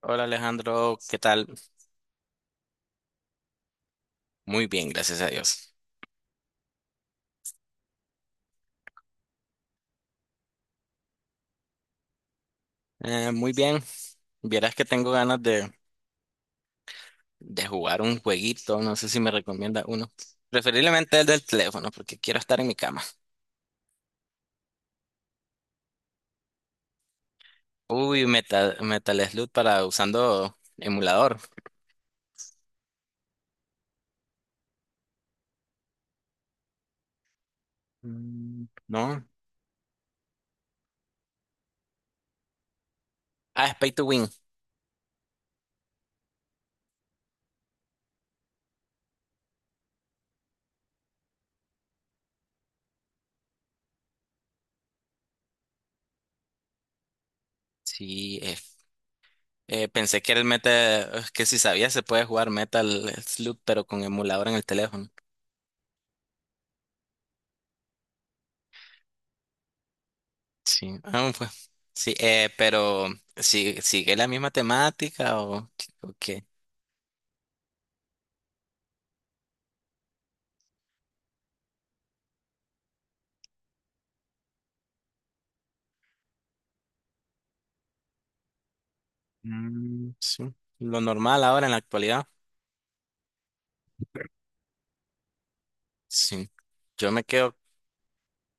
Hola Alejandro, ¿qué tal? Muy bien, gracias a Dios. Muy bien, vieras que tengo ganas de jugar un jueguito, no sé si me recomienda uno. Preferiblemente el del teléfono, porque quiero estar en mi cama. Uy, Metal Slug para usando emulador. Mm, no. Ah, es Pay to Win. Sí, pensé que era el Metal, es que si sabía se puede jugar Metal Slug, pero con emulador en el teléfono. Sí, ah, fue. Sí, pero ¿ sigue la misma temática, ¿o qué? Mm, sí, lo normal ahora en la actualidad. Sí, yo me quedo,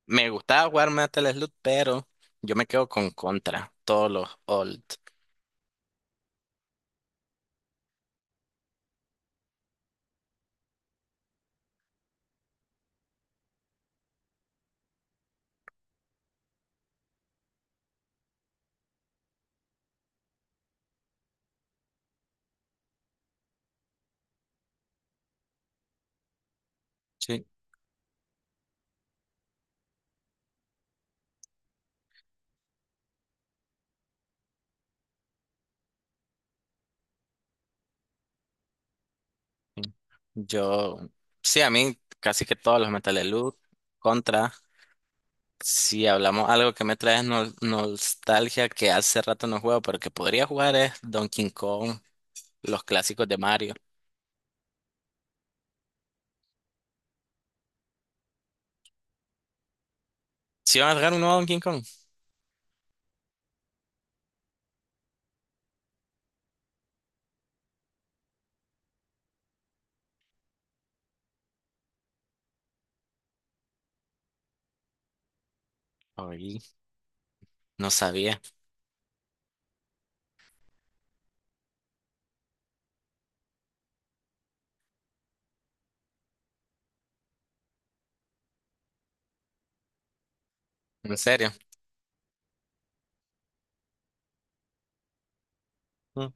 me gustaba jugar Metal Slug, pero yo me quedo con Contra, todos los old. Sí, sí. yo, sí, a mí casi que todos los Metal Slug, Contra. Si hablamos algo que me trae nostalgia, que hace rato no juego, pero que podría jugar, es Donkey Kong, los clásicos de Mario. ¿Sí van a sacar un nuevo Donkey Kong? Ay, no sabía. ¿En serio? Ujú.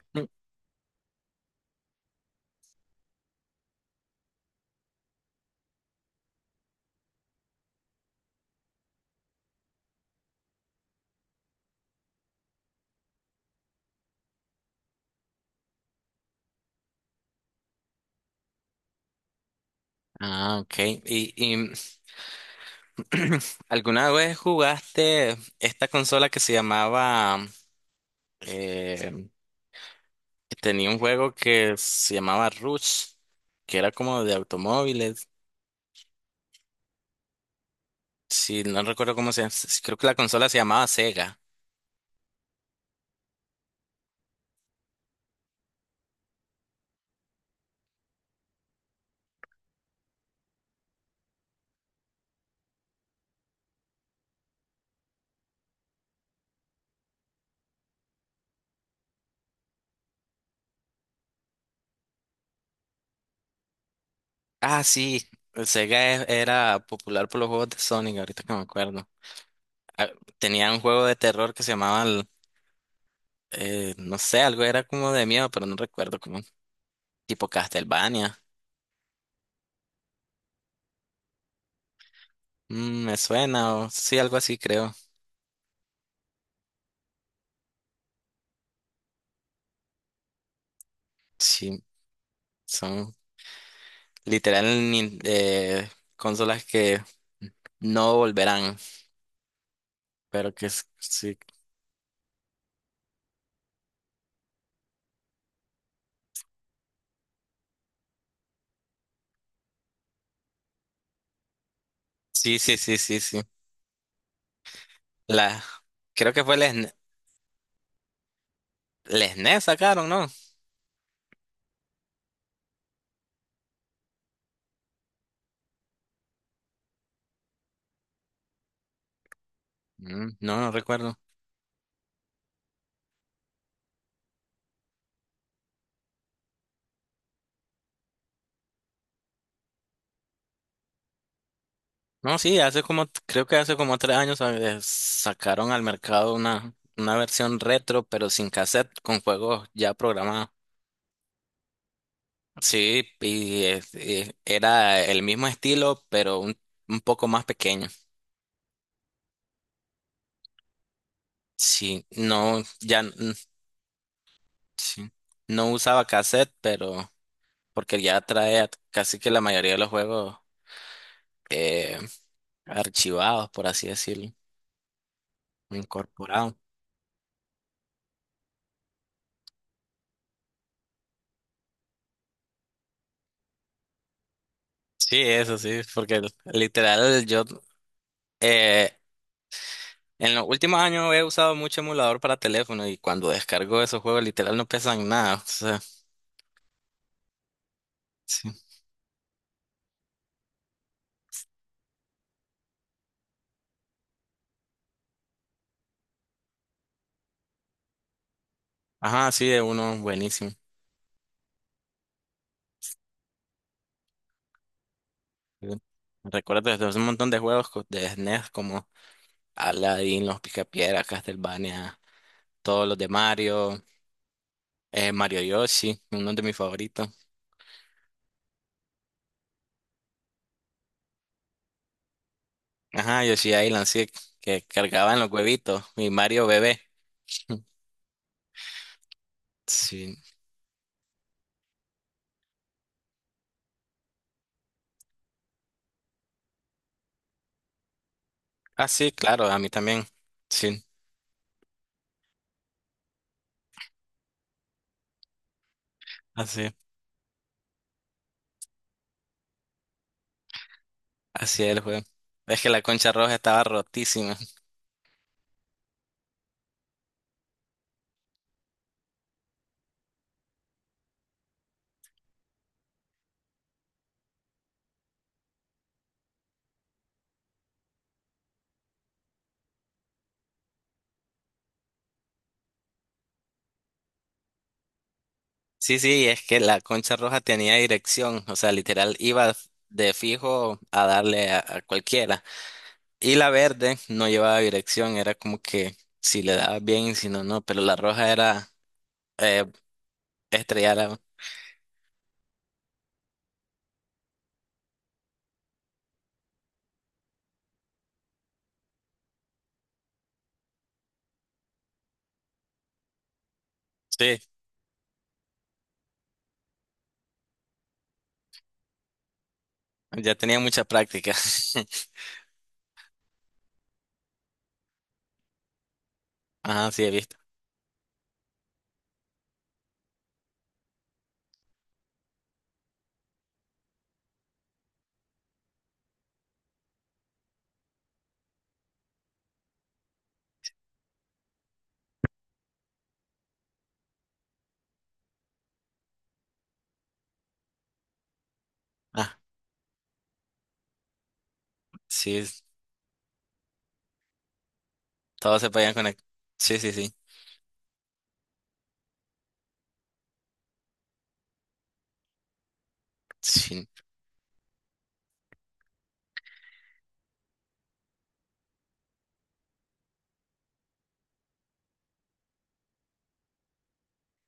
Ah, ok. ¿Y, y alguna vez jugaste esta consola que se llamaba... eh, tenía un juego que se llamaba Rush, que era como de automóviles. Sí, no recuerdo cómo se llama. Sí, creo que la consola se llamaba Sega. Ah, sí. Sega era popular por los juegos de Sonic, ahorita que me acuerdo. Ah, tenía un juego de terror que se llamaba... eh, no sé, algo era como de miedo, pero no recuerdo, como tipo Castlevania. Mm, me suena, o sí, algo así creo. Sí, son literal consolas que no volverán, pero que sí, sí, sí, sí, sí, sí. La, creo que fue el SNES, el SNES sacaron, ¿no? Mm, no, no recuerdo. No, sí, hace como, creo que hace como tres años, sacaron al mercado una versión retro, pero sin cassette, con juegos ya programados. Sí, y era el mismo estilo, pero un poco más pequeño. Sí, sí, no usaba cassette, pero porque ya trae casi que la mayoría de los juegos, eh, archivados, por así decirlo, incorporados. Sí, eso sí, porque literal yo eh, en los últimos años he usado mucho emulador para teléfono, y cuando descargo esos juegos literal no pesan nada. O sea, sí. Ajá, sí, es uno buenísimo. Sí. Recuerdo desde un montón de juegos de SNES como Aladdin, Los Picapiedra, Castlevania, todos los de Mario, Mario Yoshi, uno de mis favoritos. Ajá, Yoshi Island, sí, que cargaban los huevitos, y Mario bebé. Sí. Ah, sí, claro, a mí también. Sí, así, así es el juego. Es que la concha roja estaba rotísima. Sí, sí, es que la concha roja tenía dirección, o sea, literal, iba de fijo a darle a cualquiera. Y la verde no llevaba dirección, era como que si le daba bien, si no, no, pero la roja era eh, estrellada. Sí, ya tenía mucha práctica. Ajá, sí, he visto. Ah, sí, todos se podían conectar. Sí, sí, sí, sí.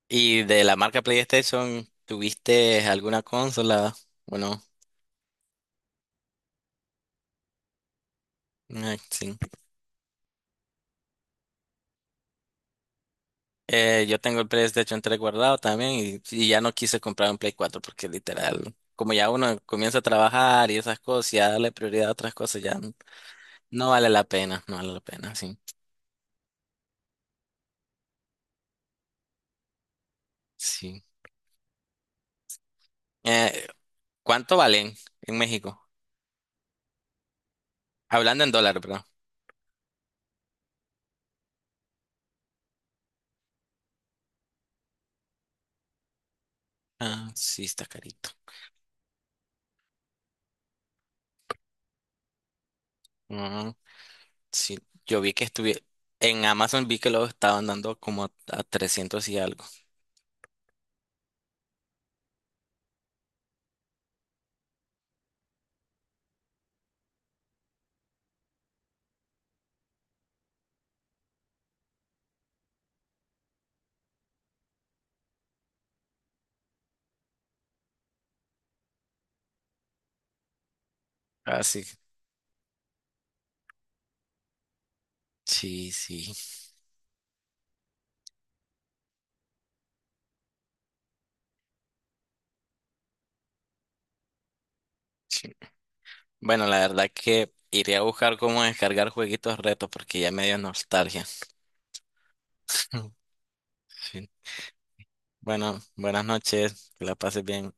¿Y de la marca PlayStation, tuviste alguna consola? Bueno, sí. Yo tengo el PlayStation 3 guardado también, y ya no quise comprar un Play 4, porque literal, como ya uno comienza a trabajar y esas cosas, ya darle prioridad a otras cosas, ya. No vale la pena, no vale la pena, sí. Sí. Eh, ¿Cuánto valen en México? Hablando en dólar, bro. Ah, sí, está carito. Ah, sí, yo vi que estuve, en Amazon, vi que lo estaban dando como a 300 y algo. Así. Sí, sí, sí. Bueno, la verdad que iré a buscar cómo descargar jueguitos retos porque ya me dio nostalgia. Sí. Bueno, buenas noches, que la pases bien.